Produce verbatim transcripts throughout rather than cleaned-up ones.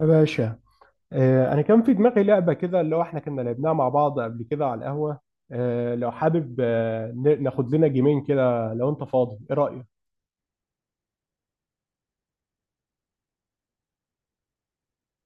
يا باشا. آه، انا كان في دماغي لعبه كده اللي هو احنا كنا لعبناها مع بعض قبل كده على القهوه. آه، لو حابب آه، ن- ناخد لنا جيمين كده لو انت فاضي، ايه رايك؟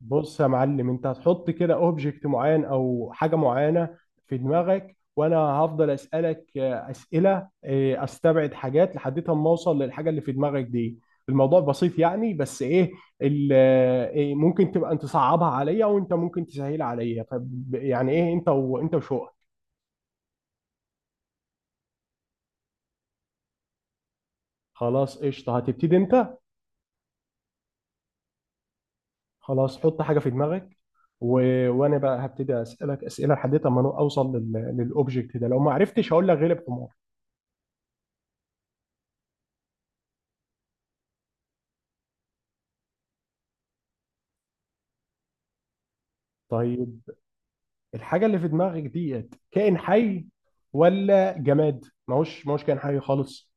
بص يا معلم، انت هتحط كده اوبجكت معين او حاجه معينه في دماغك، وانا هفضل اسالك آه، اسئله، آه، استبعد حاجات لحد ما اوصل للحاجه اللي في دماغك دي. الموضوع بسيط يعني، بس ايه، ال- آه، إيه، ممكن تبقى انت صعبها عليا وانت ممكن تسهلها عليا، فب- يعني ايه انت، وانت وشو. خلاص قشطة، هتبتدي انت. خلاص، حط حاجة في دماغك و... وانا بقى هبتدي اسألك اسئلة لحد ما أنا اوصل لل... للاوبجكت ده. لو ما عرفتش هقول لك غلب حمار. طيب الحاجة اللي في دماغك ديت كائن حي ولا جماد؟ ماهوش ماهوش كائن حي خالص؟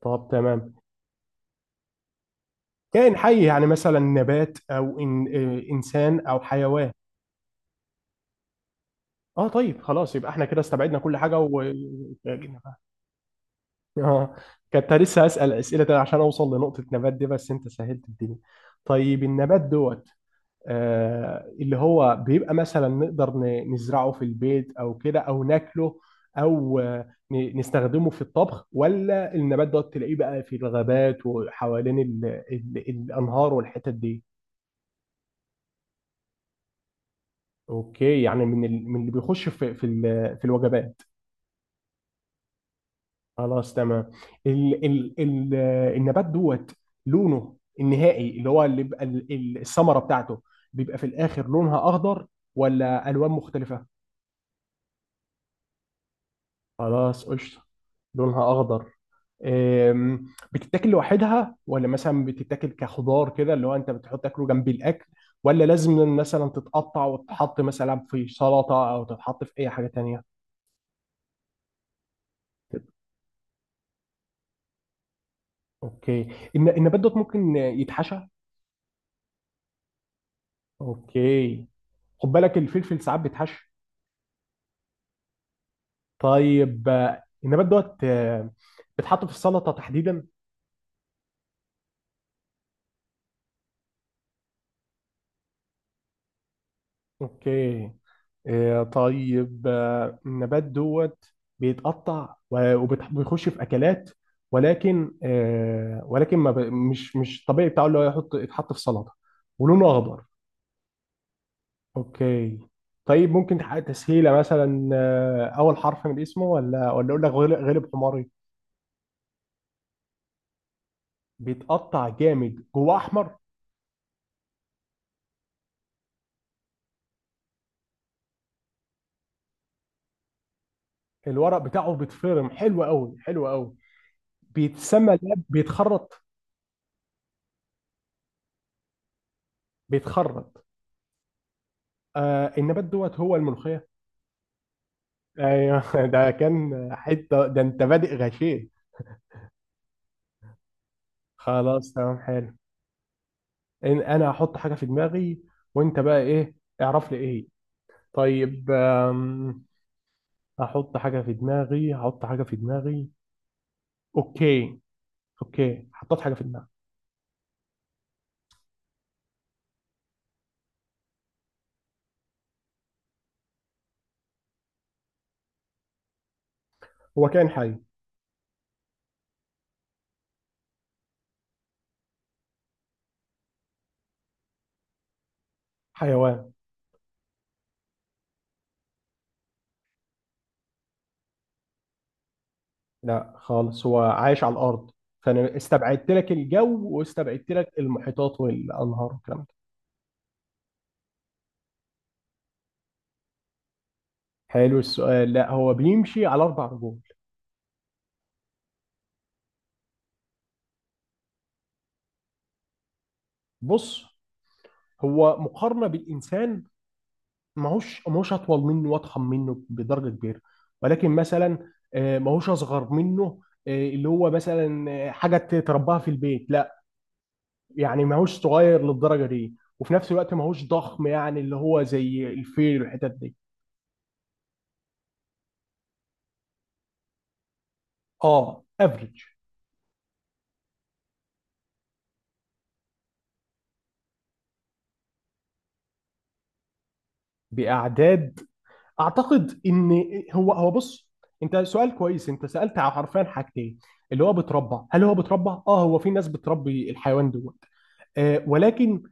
طب تمام. كائن حي يعني مثلا نبات او إن... إيه، انسان او حيوان. اه طيب خلاص، يبقى احنا كده استبعدنا كل حاجة. و اه كنت لسه هسأل أسئلة تانية عشان أوصل لنقطة نبات دي، بس أنت سهلت الدنيا. طيب النبات دوت، آه اللي هو بيبقى مثلا نقدر ن- نزرعه في البيت أو كده، أو ناكله أو آه، ن- نستخدمه في الطبخ، ولا النبات دوت تلاقيه بقى في الغابات وحوالين ال ال الأنهار والحتت دي؟ أوكي، يعني من ال- من اللي بيخش في في ال- في الوجبات. خلاص تمام. ال ال ال النبات دوت لونه النهائي اللي هو اللي بيبقى ال- ال- الثمره بتاعته بيبقى في الاخر، لونها اخضر ولا الوان مختلفه؟ خلاص قشطه، لونها اخضر. أم، بتتاكل لوحدها ولا مثلا بتتاكل كخضار كده اللي هو انت بتحط تاكله جنب الاكل، ولا لازم مثلا تتقطع وتتحط مثلا في سلطه او تتحط في اي حاجه تانية؟ اوكي. الن- النبات دوت ممكن يتحشى؟ اوكي، خد بالك الفلفل ساعات بيتحشى. طيب آه، النبات دوت آه، بيتحط في السلطة تحديدا؟ اوكي. آه، طيب آه، النبات دوت بيتقطع و- وبيتح- وبيخش في أكلات، ولكن آه، ولكن ما ب- مش مش طبيعي بتاعه اللي هو يحط يتحط في سلطة، ولونه أخضر. اوكي. طيب ممكن تحقق تسهيلة مثلا، آه، أول حرف من اسمه، ولا ولا أقول لك غلب غلب حماري؟ بيتقطع جامد جواه أحمر؟ الورق بتاعه بيتفرم؟ حلو قوي، حلو قوي. بيتسمى لاب بيتخرط. بيتخرط. آه النبات دوت هو الملوخيه؟ ايوه. ده كان حته، ده انت بادئ غشيم. خلاص تمام، حلو. إن انا هحط حاجه في دماغي، وانت بقى ايه، اعرف لي ايه هي. طيب آم، احط حاجه في دماغي، هحط حاجه في دماغي. اوكي. اوكي، حطيت حاجه في دماغي. هو كائن حي. حيوان. لا خالص، هو عايش على الارض، فانا استبعدت لك الجو واستبعدت لك المحيطات والانهار والكلام ده. حلو السؤال. لا، هو بيمشي على اربع رجول. بص، هو مقارنه بالانسان ماهوش ماهوش اطول منه واضخم منه بدرجه كبيره، ولكن مثلا آه، ماهوش اصغر منه، آه، اللي هو مثلا آه، حاجه تربيها في البيت، لا. يعني ماهوش صغير للدرجه دي، وفي نفس الوقت ماهوش ضخم يعني اللي هو زي الفيل والحتت دي. اه افريج. باعداد؟ اعتقد ان هو هو بص، انت سؤال كويس، انت سالت على حرفيا حاجتين. اللي هو بتربى، هل هو بتربى؟ اه، هو في ناس بتربي الحيوان دوت، آه ولكن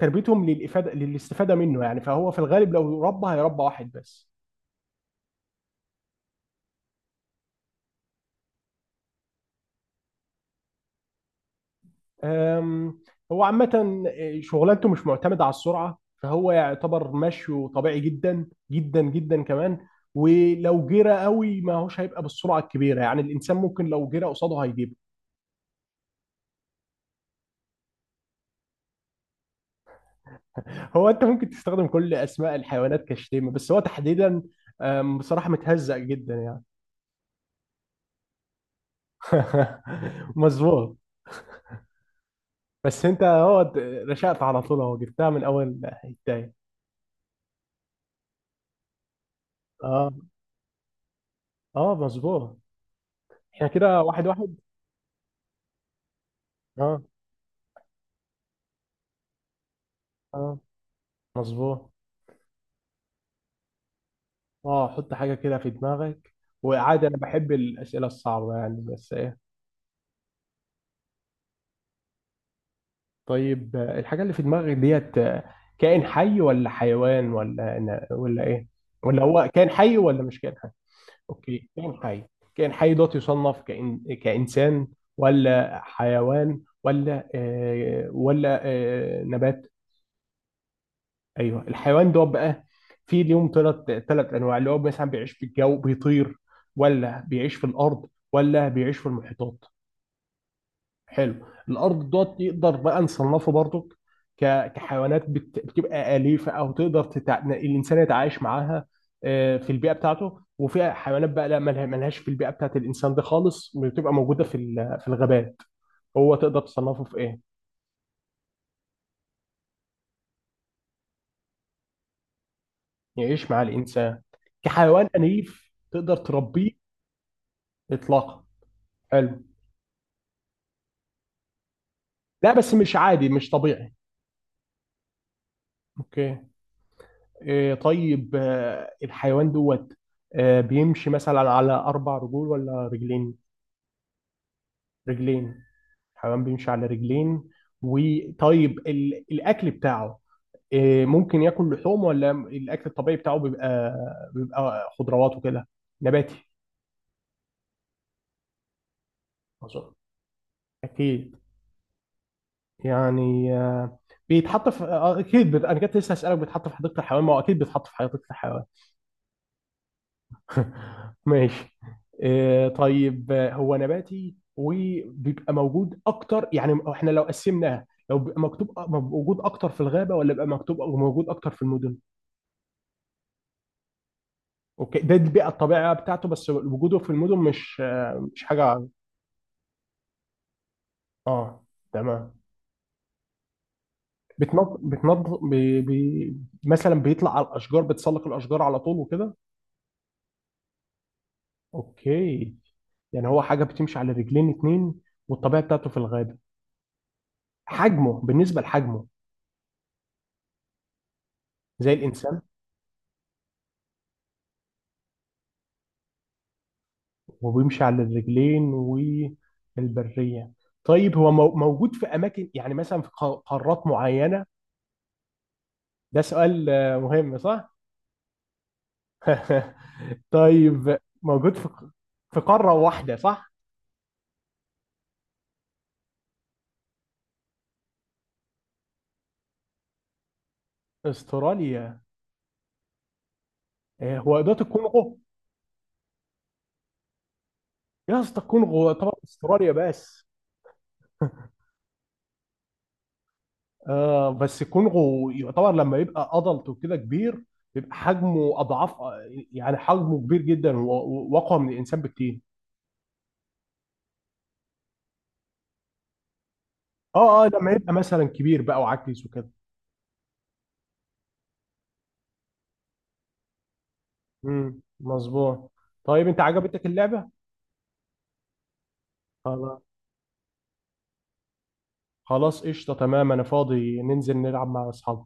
تربيتهم للافاده، للاستفاده منه يعني، فهو في الغالب لو ربى هيربى واحد بس. آم، هو عامه آه، شغلانته مش معتمده على السرعه، فهو يعتبر مشيه طبيعي جدا جدا جدا كمان، ولو جرى قوي ما هوش هيبقى بالسرعه الكبيره، يعني الانسان ممكن لو جرى قصاده هيجيبه. هو انت ممكن تستخدم كل اسماء الحيوانات كشتيمه، بس هو تحديدا آم، بصراحه متهزأ جدا يعني. مظبوط. بس انت هو رشقت على طول، اهو جبتها من اول البدايه. اه، اه مظبوط. احنا كده واحد واحد. اه، اه مظبوط. اه، حط حاجه كده في دماغك، وعادي انا بحب الاسئله الصعبه يعني، بس ايه. طيب آه، الحاجه اللي في دماغك ديت آه، كائن حي ولا حيوان ولا ولا ايه، ولا هو كائن حي ولا مش كائن؟ اوكي، كائن حي. كائن حي دوت يصنف كإن... كإنسان ولا حيوان ولا آه ولا آه نبات؟ ايوه، الحيوان دوت بقى في ليهم ثلاث ثلاث انواع، اللي هو مثلا بيعيش في الجو بيطير، ولا بيعيش في الارض، ولا بيعيش في المحيطات؟ حلو. الارض دوت نقدر بقى نصنفه برضك ك- كحيوانات بت- بتبقى اليفه او تقدر تتع... الانسان يتعايش معاها آه، في البيئه بتاعته، وفي حيوانات بقى لا مالها- ملهاش في البيئه بتاعت الانسان ده خالص، بتبقى موجوده في ال- في الغابات. هو تقدر تصنفه في ايه؟ يعيش مع الانسان كحيوان اليف تقدر تربيه؟ اطلاقا. حلو. لا بس مش عادي مش طبيعي. اوكي. آه، طيب آه، الحيوان دوت آه، بيمشي مثلا على اربع رجول ولا رجلين؟ رجلين. الحمام بيمشي على رجلين. وطيب ال... الاكل بتاعه، إيه، ممكن ياكل لحوم، ولا الاكل الطبيعي بتاعه بيبقى بيبقى خضروات وكده، نباتي؟ اظن اكيد، يعني آه، بيتحط في آه، اكيد، بت... انا كنت لسه هسالك بيتحط في حديقه الحيوان، ما هو اكيد بيتحط في حديقه الحيوان. ماشي. آه، طيب آه، هو نباتي، وبيبقى موجود اكتر يعني احنا لو قسمناها، لو بيبقى مكتوب آه، موجود اكتر في الغابه، ولا بيبقى مكتوب موجود اكتر في المدن؟ اوكي، ده البيئة الطبيعية بتاعته، بس وجوده في المدن مش آه، مش حاجة. اه تمام. بتنض بتنض بي... بي... مثلا بيطلع على الأشجار، بتسلق الأشجار على طول وكده؟ اوكي. يعني هو حاجة بتمشي على رجلين اتنين، والطبيعة بتاعته في الغابة، حجمه بالنسبة لحجمه زي الإنسان، وبيمشي على الرجلين، والبرية. طيب هو مو- موجود في أماكن يعني مثلا في ق- قارات معينة؟ ده سؤال آه، مهم، صح؟ طيب موجود في في قارة واحدة، صح؟ استراليا؟ آه، هو إدارة الكونغو. يا اسطى الكونغو يعتبر استراليا بس. آه بس الكونغو يعتبر لما يبقى ادلت وكده كبير، بيبقى حجمه اضعاف، يعني حجمه كبير جدا و- و- واقوى من الانسان بكتير. اه، اه لما يبقى مثلا كبير بقى وعجز وكده. امم مظبوط. طيب انت عجبتك اللعبة؟ خلاص. خلاص قشطة تمام، انا فاضي ننزل نلعب مع اصحابي.